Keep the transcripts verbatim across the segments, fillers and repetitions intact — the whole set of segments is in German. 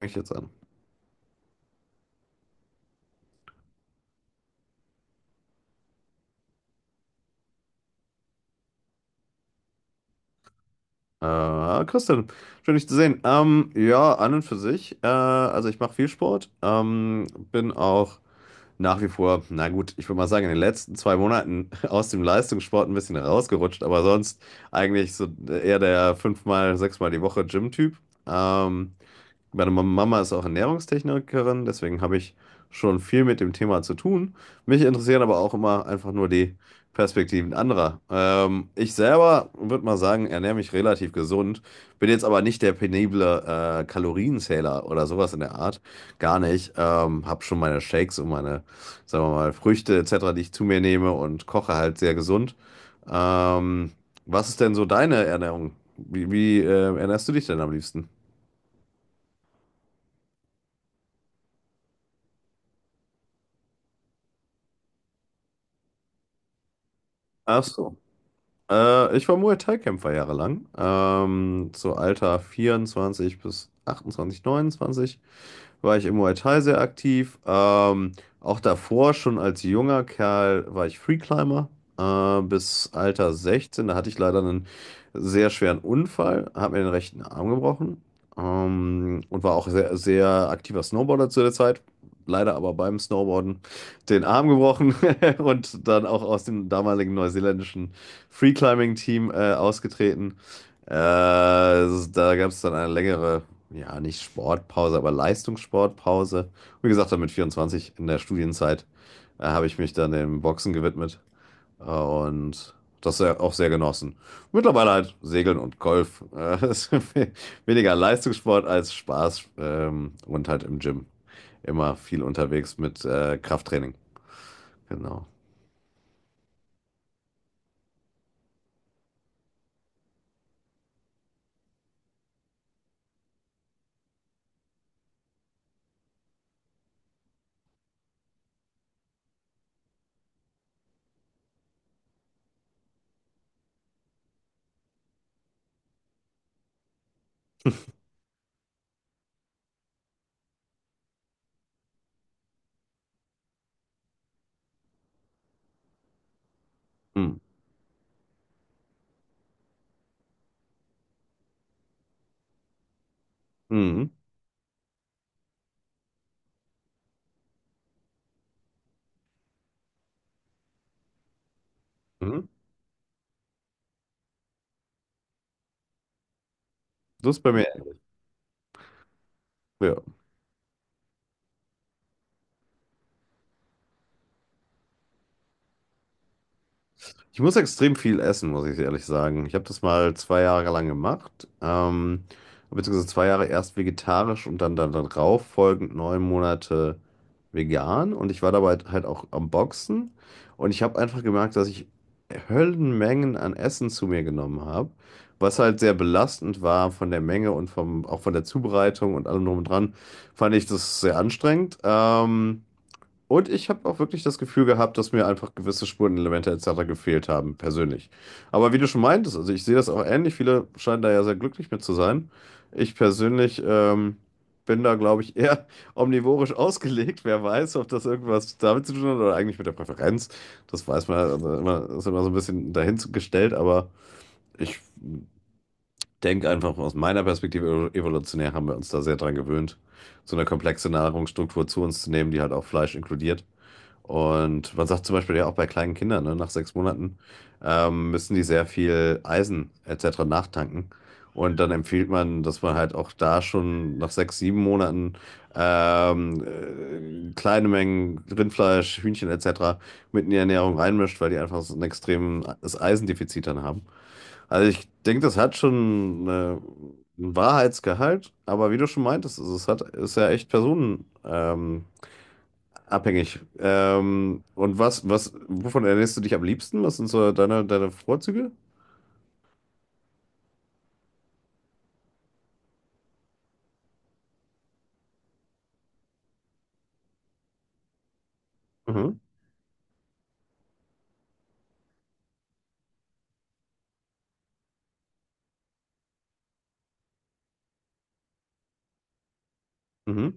Fange ich jetzt an. Äh, Christian, schön dich zu sehen. Ähm, ja, an und für sich. Äh, also ich mache viel Sport. Ähm, bin auch nach wie vor, na gut, ich würde mal sagen, in den letzten zwei Monaten aus dem Leistungssport ein bisschen rausgerutscht, aber sonst eigentlich so eher der fünfmal, sechsmal die Woche Gym-Typ. Ähm, Meine Mama ist auch Ernährungstechnikerin, deswegen habe ich schon viel mit dem Thema zu tun. Mich interessieren aber auch immer einfach nur die Perspektiven anderer. Ähm, ich selber würde mal sagen, ernähre mich relativ gesund, bin jetzt aber nicht der penible äh, Kalorienzähler oder sowas in der Art. Gar nicht. Ähm, habe schon meine Shakes und meine, sagen wir mal, Früchte et cetera, die ich zu mir nehme, und koche halt sehr gesund. Ähm, Was ist denn so deine Ernährung? Wie, wie äh, ernährst du dich denn am liebsten? Ach so. Äh, ich war Muay Thai-Kämpfer jahrelang. Ähm, so Alter vierundzwanzig bis achtundzwanzig, neunundzwanzig war ich im Muay Thai sehr aktiv. Ähm, auch davor, schon als junger Kerl, war ich Freeclimber äh, bis Alter sechzehn. Da hatte ich leider einen sehr schweren Unfall, habe mir den rechten Arm gebrochen ähm, und war auch sehr, sehr aktiver Snowboarder zu der Zeit. Leider aber beim Snowboarden den Arm gebrochen und dann auch aus dem damaligen neuseeländischen Freeclimbing-Team äh, ausgetreten. Äh, da gab es dann eine längere, ja, nicht Sportpause, aber Leistungssportpause. Wie gesagt, dann mit vierundzwanzig in der Studienzeit äh, habe ich mich dann dem Boxen gewidmet äh, und das sehr- auch sehr genossen. Mittlerweile halt Segeln und Golf. Äh, das ist we- weniger Leistungssport als Spaß ähm, und halt im Gym. Immer viel unterwegs mit äh, Krafttraining. Genau. Mhm. Mhm. Mhm. Das ist bei mir. Ja. Ich muss extrem viel essen, muss ich ehrlich sagen. Ich habe das mal zwei Jahre lang gemacht, ähm, beziehungsweise zwei Jahre erst vegetarisch und dann, dann darauf folgend neun Monate vegan. Und ich war dabei halt auch am Boxen. Und ich habe einfach gemerkt, dass ich Höllenmengen an Essen zu mir genommen habe, was halt sehr belastend war von der Menge und vom, auch von der Zubereitung und allem drum und dran. Fand ich das sehr anstrengend. Ähm, und ich habe auch wirklich das Gefühl gehabt, dass mir einfach gewisse Spurenelemente et cetera gefehlt haben, persönlich. Aber wie du schon meintest, also ich sehe das auch ähnlich, viele scheinen da ja sehr glücklich mit zu sein. Ich persönlich ähm, bin da, glaube ich, eher omnivorisch ausgelegt. Wer weiß, ob das irgendwas damit zu tun hat oder eigentlich mit der Präferenz. Das weiß man halt, also immer, ist immer so ein bisschen dahingestellt, aber ich denke einfach aus meiner Perspektive evolutionär haben wir uns da sehr dran gewöhnt, so eine komplexe Nahrungsstruktur zu uns zu nehmen, die halt auch Fleisch inkludiert. Und man sagt zum Beispiel ja auch bei kleinen Kindern, ne, nach sechs Monaten ähm, müssen die sehr viel Eisen et cetera nachtanken. Und dann empfiehlt man, dass man halt auch da schon nach sechs, sieben Monaten ähm, äh, kleine Mengen Rindfleisch, Hühnchen et cetera mit in die Ernährung reinmischt, weil die einfach so ein extremes Eisendefizit dann haben. Also ich denke, das hat schon äh, einen Wahrheitsgehalt, aber wie du schon meintest, es hat, ist ja echt Personen, ähm, abhängig. Ähm, und was, was, wovon ernährst du dich am liebsten? Was sind so deine, deine Vorzüge? Mhm. Mhm.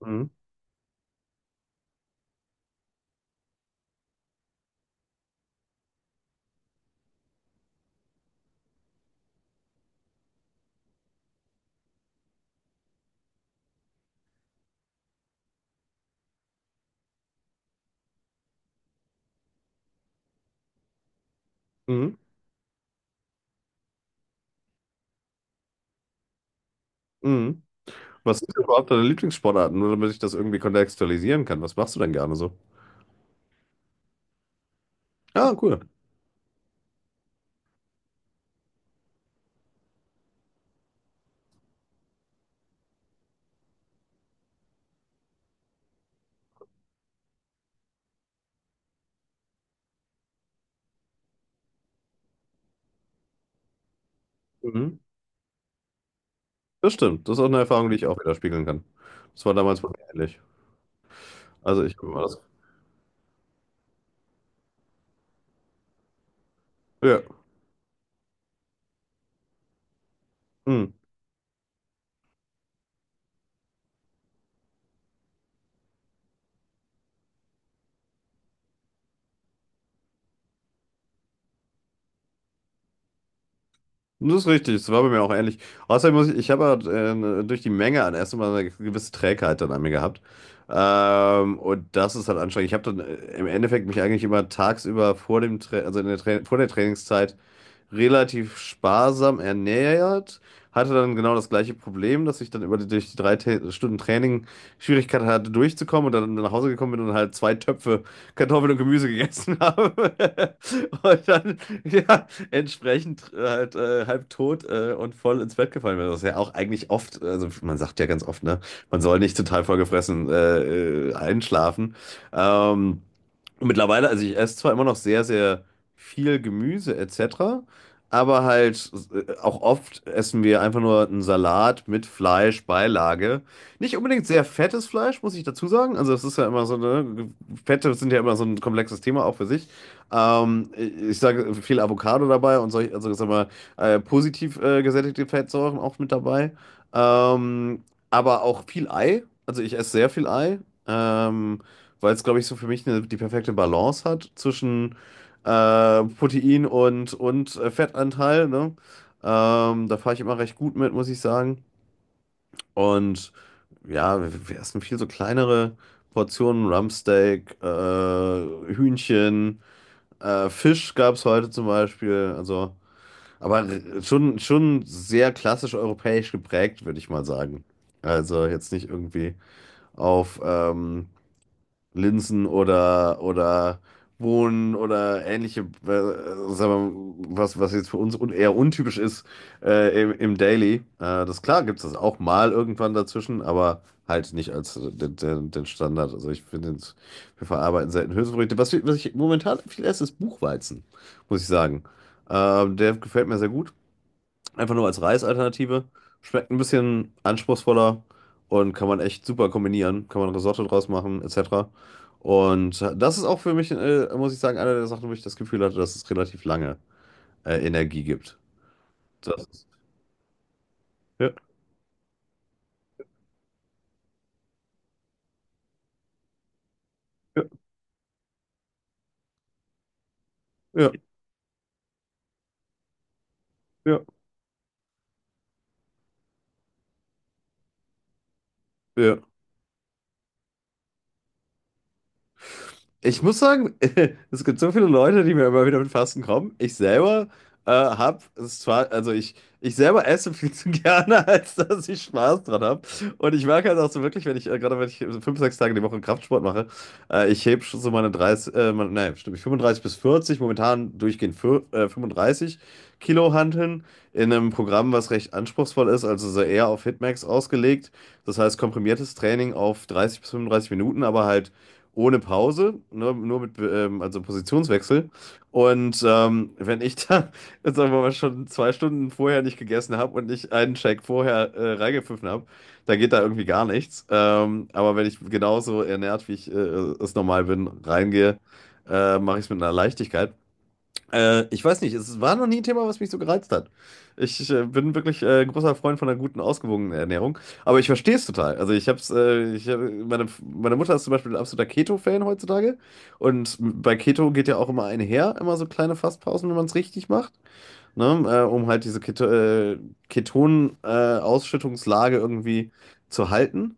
Mhm. Mhm. Mhm. Was sind denn überhaupt deine Lieblingssportarten? Nur damit ich das irgendwie kontextualisieren kann. Was machst du denn gerne so? Ah, cool. Mhm. Das stimmt. Das ist auch eine Erfahrung, die ich auch wieder spiegeln kann. Das war damals bei mir ähnlich. Also ich guck mal das. Ja. Mhm. Das ist richtig, das war bei mir auch ähnlich. Außerdem muss ich, ich habe halt, äh, durch die Menge an Essen mal eine gewisse Trägheit dann an mir gehabt. Ähm, und das ist halt anstrengend. Ich habe dann äh, im Endeffekt mich eigentlich immer tagsüber vor dem Tra also in der Tra vor der Trainingszeit relativ sparsam ernährt. Hatte dann genau das gleiche Problem, dass ich dann über die, durch die drei Ta Stunden Training Schwierigkeiten hatte, durchzukommen, und dann nach Hause gekommen bin und halt zwei Töpfe Kartoffeln und Gemüse gegessen habe. Und dann, ja, entsprechend äh, halt äh, halb tot äh, und voll ins Bett gefallen wäre. Das ist ja auch eigentlich oft, also man sagt ja ganz oft, ne, man soll nicht total vollgefressen äh, äh, einschlafen. Ähm, und mittlerweile, also ich esse zwar immer noch sehr, sehr viel Gemüse et cetera, aber halt äh, auch oft essen wir einfach nur einen Salat mit Fleisch, Beilage. Nicht unbedingt sehr fettes Fleisch, muss ich dazu sagen. Also es ist ja immer so, ne, Fette sind ja immer so ein komplexes Thema auch für sich. Ähm, ich sage viel Avocado dabei und solche, also sagen wir, äh, positiv äh, gesättigte Fettsäuren auch mit dabei. Ähm, aber auch viel Ei. Also ich esse sehr viel Ei, ähm, weil es, glaube ich, so für mich eine, die perfekte Balance hat zwischen äh, Protein und, und äh, Fettanteil, ne? Ähm, da fahre ich immer recht gut mit, muss ich sagen. Und ja, wir, wir essen viel so kleinere Portionen, Rumpsteak, äh, Hühnchen. Äh, Fisch gab es heute zum Beispiel, also, aber äh, schon, schon sehr klassisch europäisch geprägt, würde ich mal sagen. Also jetzt nicht irgendwie auf ähm, Linsen oder oder Bohnen oder ähnliche, äh, sagen wir, was was jetzt für uns un eher untypisch ist äh, im, im Daily. Äh, das klar gibt es das auch mal irgendwann dazwischen, aber halt nicht als äh, den, den, den Standard. Also ich finde, jetzt- wir verarbeiten selten Hülsenfrüchte. Was, wir- was ich momentan viel esse, ist Buchweizen, muss ich sagen. Ähm, der gefällt mir sehr gut. Einfach nur als Reisalternative. Schmeckt ein bisschen anspruchsvoller und kann man echt super kombinieren. Kann man Risotto draus machen, et cetera. Und das ist auch für mich, äh, muss ich sagen, eine der Sachen, wo ich das Gefühl hatte, dass es relativ lange äh, Energie gibt. Das ist, ja, ja, ja, ja, ja. Ich muss sagen, es gibt so viele Leute, die mir immer wieder mit Fasten kommen. Ich selber äh, habe es zwar, also ich, ich selber esse viel zu gerne, als dass ich Spaß dran habe. Und ich merke halt auch so wirklich, wenn ich, äh, gerade wenn ich so fünf, sechs Tage die Woche Kraftsport mache, äh, ich hebe schon so meine dreißig, äh, meine, nein, stimmt nicht, fünfunddreißig bis vierzig momentan durchgehend für, äh, fünfunddreißig Kilo Hanteln in einem Programm, was recht anspruchsvoll ist, also so eher auf Hitmax ausgelegt. Das heißt komprimiertes Training auf dreißig bis fünfunddreißig Minuten, aber halt ohne Pause, ne, nur mit ähm, also Positionswechsel. Und ähm, wenn ich da, jetzt sagen wir mal, schon zwei Stunden vorher nicht gegessen habe und nicht einen Shake vorher äh, reingepfiffen habe, dann geht da irgendwie gar nichts. Ähm, aber wenn ich genauso ernährt, wie ich äh, es normal bin, reingehe, äh, mache ich es mit einer Leichtigkeit. Äh, ich weiß nicht, es war noch nie ein Thema, was mich so gereizt hat. Ich äh, bin wirklich äh, großer Freund von einer guten, ausgewogenen Ernährung, aber ich verstehe es total. Also ich hab's, äh, ich hab, meine, meine Mutter ist zum Beispiel ein absoluter Keto-Fan heutzutage, und bei Keto geht ja auch immer einher, immer so kleine Fastpausen, wenn man es richtig macht, ne? Äh, um halt diese Keto, äh, Keton-Ausschüttungslage irgendwie zu halten.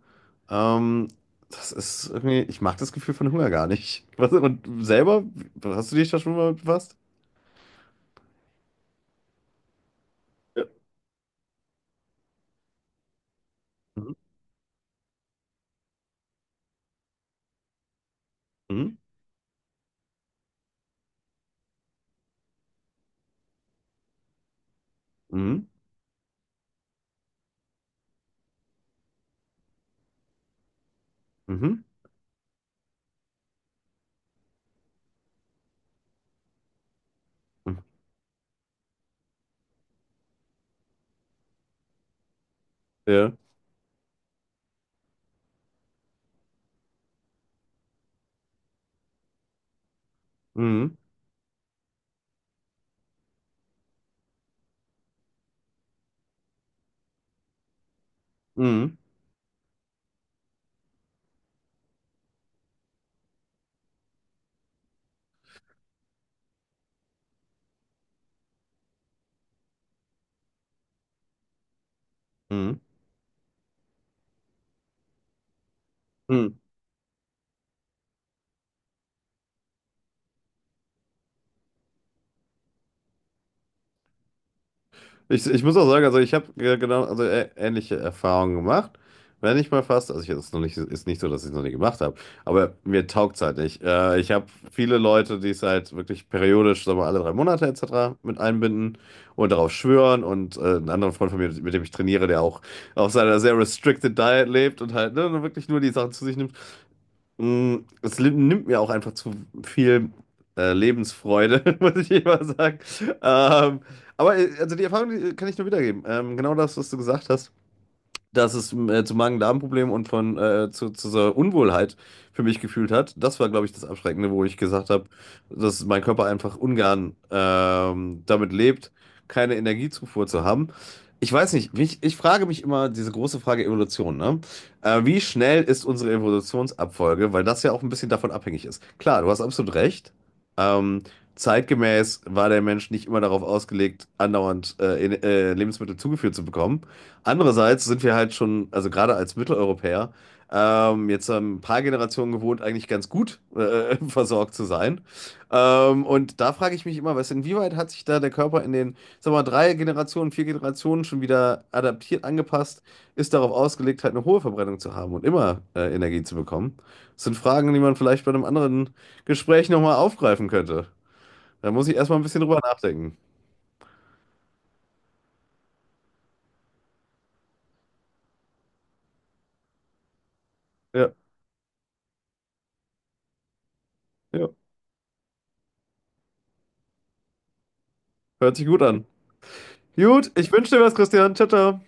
Ähm, Das ist irgendwie, ich mag das Gefühl von Hunger gar nicht. Was, und selber, hast du dich da schon mal befasst? Mhm. Mhm. Mhm. Mhm. Mhm. Ja. Mhm. Mhm. Mhm. Mhm. Ich, ich muss auch sagen, also ich habe genau, also ä- ähnliche Erfahrungen gemacht. Wenn ich mal fast, also ich ist noch nicht, ist nicht so, dass ich es noch nie gemacht habe, aber mir taugt es halt nicht. Äh, ich habe viele Leute, die es halt wirklich periodisch, sagen wir mal, alle drei Monate et cetera mit einbinden und darauf schwören, und äh, einen anderen Freund von mir, mit dem ich trainiere, der auch auf seiner sehr restricted Diet lebt und halt, ne, wirklich nur die Sachen zu sich nimmt. Mm, Es li- nimmt mir auch einfach zu viel äh, Lebensfreude, muss ich immer sagen. Ähm, aber äh, also die Erfahrung, die äh, kann ich nur wiedergeben. Ähm, genau das, was du gesagt hast, dass es äh, zu Magen-Darm-Problemen und von äh, zu, zu so Unwohlheit für mich gefühlt hat. Das war, glaube ich, das Abschreckende, wo ich gesagt habe, dass mein Körper einfach ungern ähm, damit lebt, keine Energiezufuhr zu haben. Ich weiß nicht, mich, ich frage mich immer diese große Frage Evolution, ne? Äh, wie schnell ist unsere Evolutionsabfolge? Weil das ja auch ein bisschen davon abhängig ist. Klar, du hast absolut recht. Ähm, Zeitgemäß war der Mensch nicht immer darauf ausgelegt, andauernd äh, in- äh, Lebensmittel zugeführt zu bekommen. Andererseits sind wir halt schon, also gerade als Mitteleuropäer, ähm, jetzt ähm, ein paar Generationen gewohnt, eigentlich ganz gut äh, versorgt zu sein. Ähm, und da frage ich mich immer, was, inwieweit hat sich da der Körper in den, sag mal, drei Generationen, vier Generationen schon wieder adaptiert, angepasst, ist darauf ausgelegt, halt eine hohe Verbrennung zu haben und immer äh, Energie zu bekommen. Das sind Fragen, die man vielleicht bei einem anderen Gespräch nochmal aufgreifen könnte. Da muss ich erstmal ein bisschen drüber nachdenken. Ja, ja, hört sich gut an. Gut, ich wünsche dir was, Christian. Ciao, ciao.